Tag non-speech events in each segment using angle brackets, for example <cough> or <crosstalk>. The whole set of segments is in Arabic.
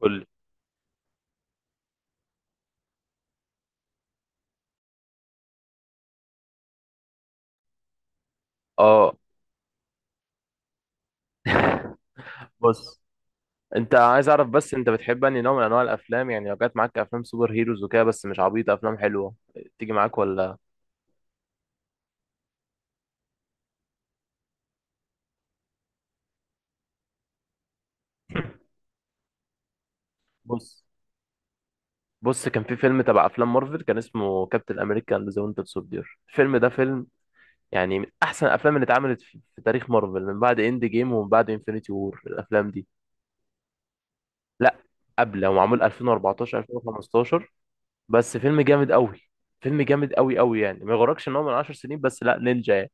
قول لي. اه. <laughs> بص، انت عايز اعرف بس انت بتحب انهي نوع من انواع الافلام؟ يعني لو جت معاك افلام سوبر هيروز وكده بس مش عبيطه، افلام حلوه، تيجي معاك ولا؟ بص بص كان في فيلم تبع افلام مارفل كان اسمه كابتن امريكا اند ذا وينتر سولدير. الفيلم ده فيلم يعني من احسن الافلام اللي اتعملت في تاريخ مارفل من بعد اند جيم ومن بعد انفينيتي وور، الافلام دي. لا، قبل، هو معمول 2014 2015. بس فيلم جامد قوي، فيلم جامد قوي قوي، يعني ما يغركش ان هو من 10 سنين، بس لا نينجا يعني.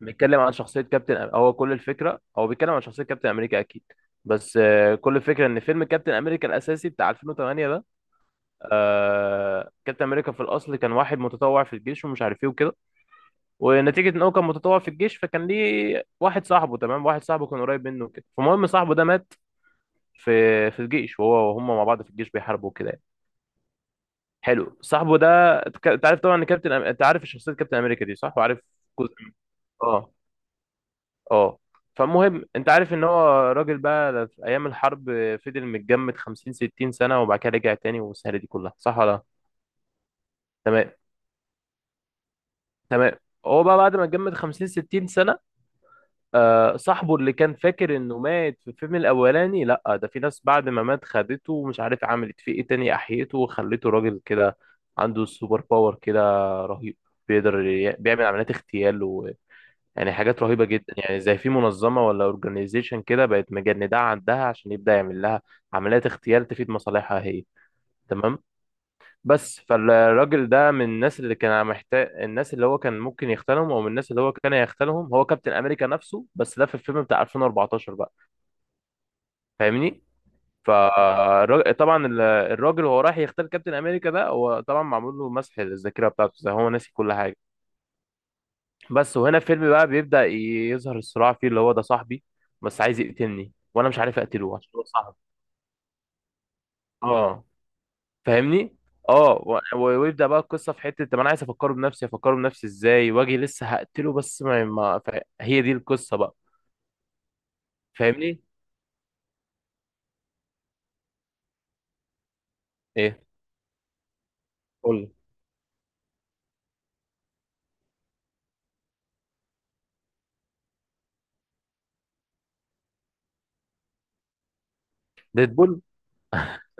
بيتكلم عن شخصية كابتن، هو كل الفكرة هو بيتكلم عن شخصية كابتن أمريكا أكيد. بس كل الفكرة إن فيلم كابتن أمريكا الأساسي بتاع 2008 ده، كابتن أمريكا في الأصل كان واحد متطوع في الجيش ومش عارف إيه وكده، ونتيجة إن هو كان متطوع في الجيش فكان ليه واحد صاحبه، تمام، واحد صاحبه كان قريب منه كده، فالمهم صاحبه ده مات في الجيش، وهو وهم مع بعض في الجيش بيحاربوا كده يعني. حلو صاحبه ده. أنت عارف طبعا إن كابتن أنت عارف شخصية كابتن أمريكا دي صح، وعارف جزء. اه. اه. فالمهم انت عارف ان هو راجل بقى في ايام الحرب، فضل متجمد 50 60 سنه وبعد كده رجع تاني والسهره دي كلها، صح ولا لا؟ تمام. تمام. هو بقى بعد ما اتجمد 50 60 سنه، صاحبه اللي كان فاكر انه مات في الفيلم الاولاني، لا ده في ناس بعد ما مات خدته ومش عارف عملت فيه ايه تاني، احيته وخلته راجل كده عنده سوبر باور كده رهيب، بيقدر بيعمل عمليات اغتيال، يعني حاجات رهيبة جدا، يعني زي في منظمة ولا اورجانيزيشن كده بقت مجندعة عندها عشان يبدأ يعمل لها عمليات اغتيال تفيد مصالحها هي، تمام؟ بس فالراجل ده من الناس اللي كان محتاج الناس اللي هو كان ممكن يختلهم، او من الناس اللي هو كان يختلهم هو كابتن امريكا نفسه، بس ده في الفيلم بتاع 2014 بقى. فاهمني؟ فطبعا الراجل وهو رايح يختل كابتن امريكا ده، هو طبعا معمول له مسح الذاكرة بتاعته، زي هو ناسي كل حاجة. بس وهنا الفيلم بقى بيبدأ يظهر الصراع فيه، اللي هو ده صاحبي بس عايز يقتلني وانا مش عارف اقتله عشان هو صاحبي. اه. فاهمني. اه، ويبدأ بقى القصة في حتة، طب انا عايز افكره بنفسي، افكره بنفسي ازاي؟ واجي لسه هقتله، بس ما, ما ف- هي دي القصة بقى. فاهمني؟ ايه؟ قول. ديدبول؟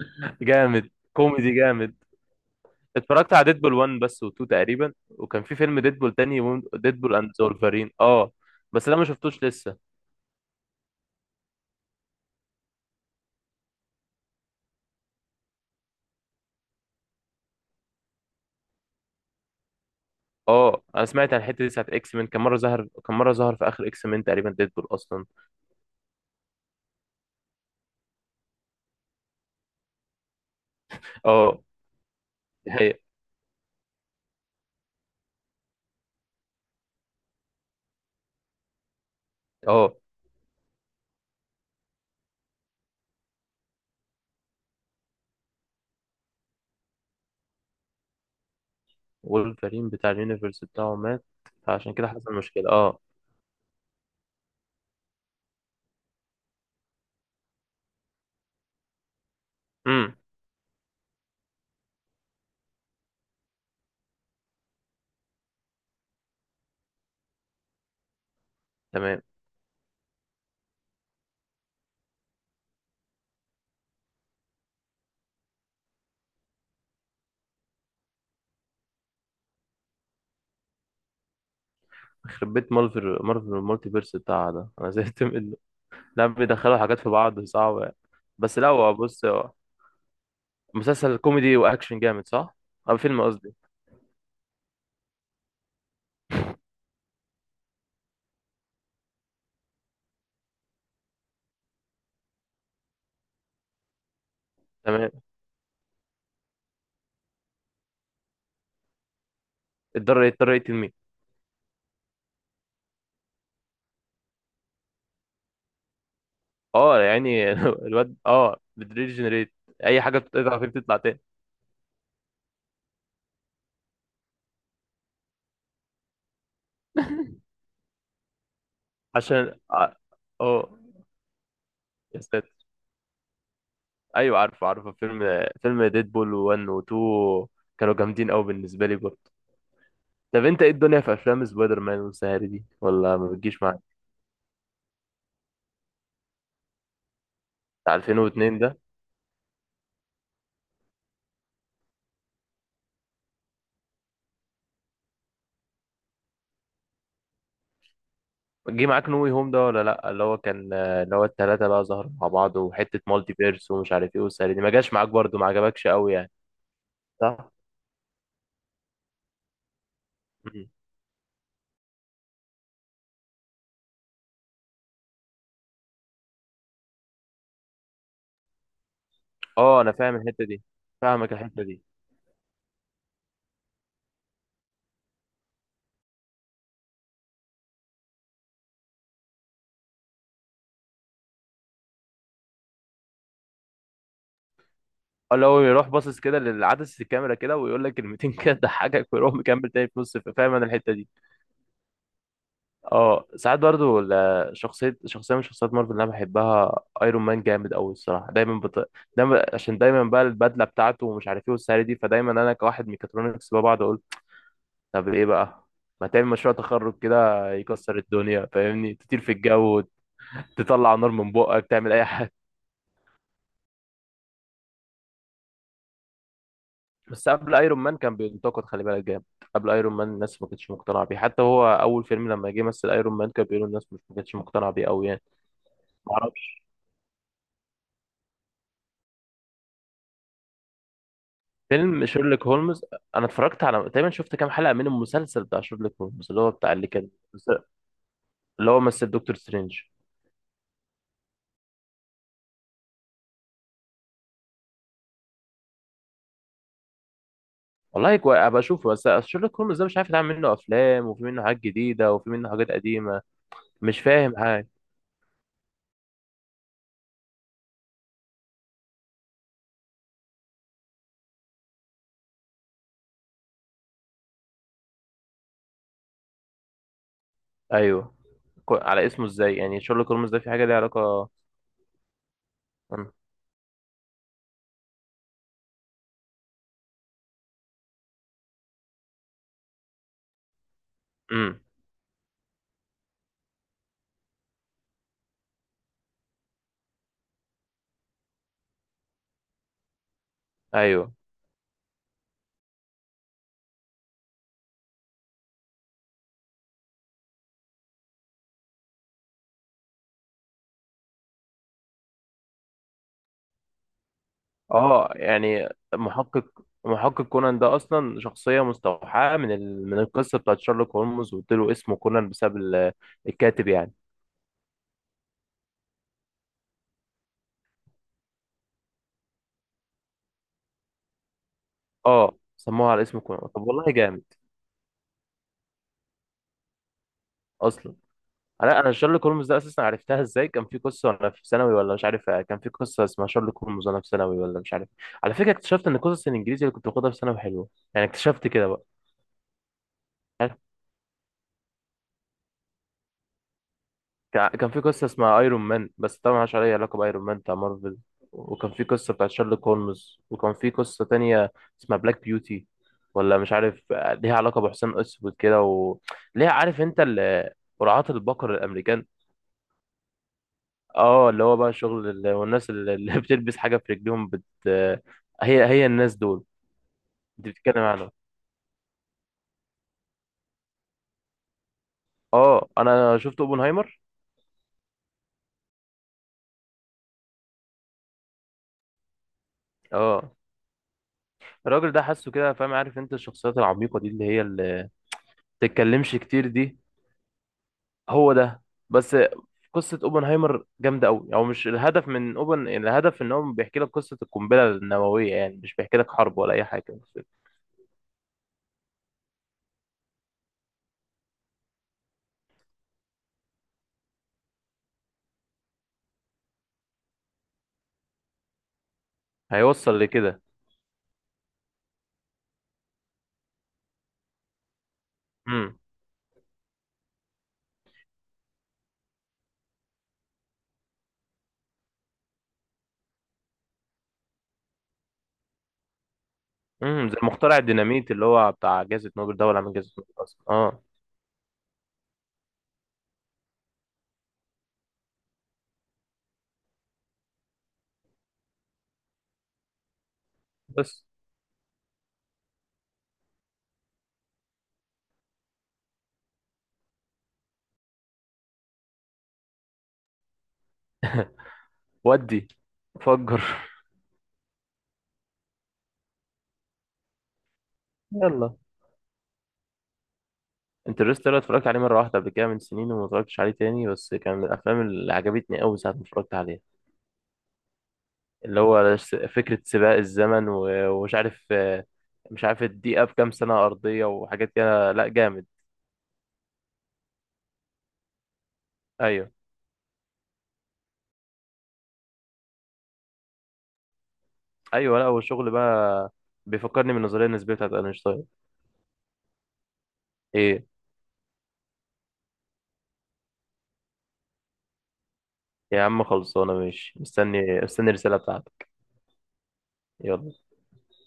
<laughs> جامد، كوميدي جامد. اتفرجت على ديدبول 1 بس و2 تقريبا، وكان في فيلم ديدبول تاني، ديدبول اند زولفرين، اه. بس ده ما شفتوش لسه. اه، انا سمعت عن الحته دي ساعه اكس مان، كان مره ظهر كان مره ظهر في اخر اكس مان تقريبا ديدبول اصلا. اه. دي حقيقة. اه. وولفرين بتاع اليونيفرس بتاعه مات؟ فعشان كده حصل مشكله. اه. امم. تمام. يخرب بيت مارفل المالتي فيرس بتاعها ده انا زهقت منه. لا، بيدخلوا حاجات في بعض صعبه. بس لا، هو بص، هو مسلسل كوميدي واكشن جامد، صح؟ او فيلم قصدي. تمام. اضطر يقتل مين؟ اه يعني <laughs> الواد، اه، بتريجنريت. اي حاجه بتقطع فيه بتطلع تاني. عشان اه، يا ساتر. ايوه، عارفه عارفه، فيلم ديدبول 1 و 2 كانوا جامدين قوي بالنسبه لي برضه. طب انت ايه الدنيا في افلام سبايدر مان والسهر دي؟ ولا ما بتجيش معاك؟ بتاع 2002 ده. جه معاك نو واي هوم ده ولا لا؟ اللي هو الثلاثه بقى ظهروا مع بعض، وحته مالتي بيرس ومش عارف ايه والسهر دي، ما جاش معاك برضه؟ ما عجبكش قوي يعني؟ صح. مم. اه، انا فاهم الحته دي. فاهمك الحته دي. اه، اللي هو يروح باصص كده للعدسة الكاميرا كده، ويقول لك كلمتين كده تضحكك ويروح مكمل تاني في نص، فاهم؟ انا الحته دي. اه ساعات برضو شخصية من شخصيات مارفل اللي أنا بحبها أيرون مان جامد أوي، الصراحة. دايما دايما، عشان دايما بقى البدلة بتاعته ومش عارف إيه والسعر دي، فدايما أنا كواحد ميكاترونكس بقى بقعد أقول، طب إيه بقى، ما تعمل مشروع تخرج كده يكسر الدنيا؟ فاهمني؟ تطير في الجو، تطلع نار من بقك، تعمل أي حاجة. <laughs> بس قبل ايرون مان كان بينتقد، خلي بالك، جامد. قبل ايرون مان الناس ما كانتش مقتنعه بيه، حتى هو اول فيلم لما جه مثل ايرون مان كان بيقولوا الناس، مش ما كانتش مقتنعه بيه قوي يعني. معرفش. فيلم شيرلوك هولمز؟ انا اتفرجت على، تقريبا شفت كام حلقه من المسلسل بتاع شيرلوك هولمز اللي هو بتاع اللي كان، اللي هو مثل دكتور سترينج. والله ابقى اشوفه، بس شيرلوك هولمز ده مش عارف يتعمل منه افلام وفي منه حاجات جديده وفي منه حاجات قديمه، مش فاهم حاجه. ايوه. على اسمه ازاي يعني؟ شيرلوك هولمز ده في حاجه ليها علاقه؟ امم. أمم. ايوه. اه يعني، محقق. محقق كونان ده اصلا شخصيه مستوحاه من ال... من القصه بتاعت شيرلوك هولمز، واديله اسمه كونان بسبب الكاتب يعني. اه، سموها على اسم كولومبس، طب والله جامد. اصلا انا شارلي كولومز ده اساسا عرفتها ازاي، كان في قصه وانا في ثانوي ولا مش عارف، كان في قصه اسمها شارلي كولومز وانا في ثانوي ولا مش عارف. على فكره اكتشفت ان قصص الانجليزي اللي كنت باخدها في ثانوي حلوه، يعني اكتشفت كده بقى. عارف، كان في قصه اسمها ايرون مان بس طبعا ملهاش اي علاقه بايرون مان بتاع مارفل، وكان في قصه بتاعت شارلي كولمز وكان في قصه تانية اسمها بلاك بيوتي، ولا مش عارف ليها علاقه بحسام اسود كده، وليها عارف انت قرعات البقر الامريكان. اه، اللي هو بقى شغل والناس اللي <laughs> بتلبس حاجة في رجليهم بت، هي هي الناس دول انت بتتكلم عنهم. اه، انا شفت اوبنهايمر. اه، الراجل ده حاسه كده، فاهم؟ عارف انت الشخصيات العميقة دي اللي هي اللي بتتكلمش كتير دي؟ هو ده. بس قصة اوبنهايمر جامدة قوي، او مش الهدف من اوبن الهدف ان هو بيحكي لك قصة القنبلة النووية، يعني مش بيحكي لك حرب ولا اي حاجة بس. هيوصل لكده. امم. امم. زي مخترع الديناميت اللي هو بتاع جائزة نوبل ده، ولا عامل جائزة نوبل اصلا؟ اه. بس ودي فجر. يلا. انترستيلر اتفرجت عليه مرة واحدة قبل كده من سنين وما اتفرجتش عليه تاني، بس كان من الأفلام اللي عجبتني أوي ساعة ما اتفرجت عليها. اللي هو فكرة سباق الزمن، ومش عارف، مش عارف الدقيقة بكام سنة أرضية وحاجات كده، لأ جامد. أيوه. أيوه، لأ، والشغل بقى بيفكرني بالنظرية النسبية بتاعت أينشتاين. إيه؟ يا عم خلصانة، ماشي، مستني مستني الرسالة بتاعتك. يلا.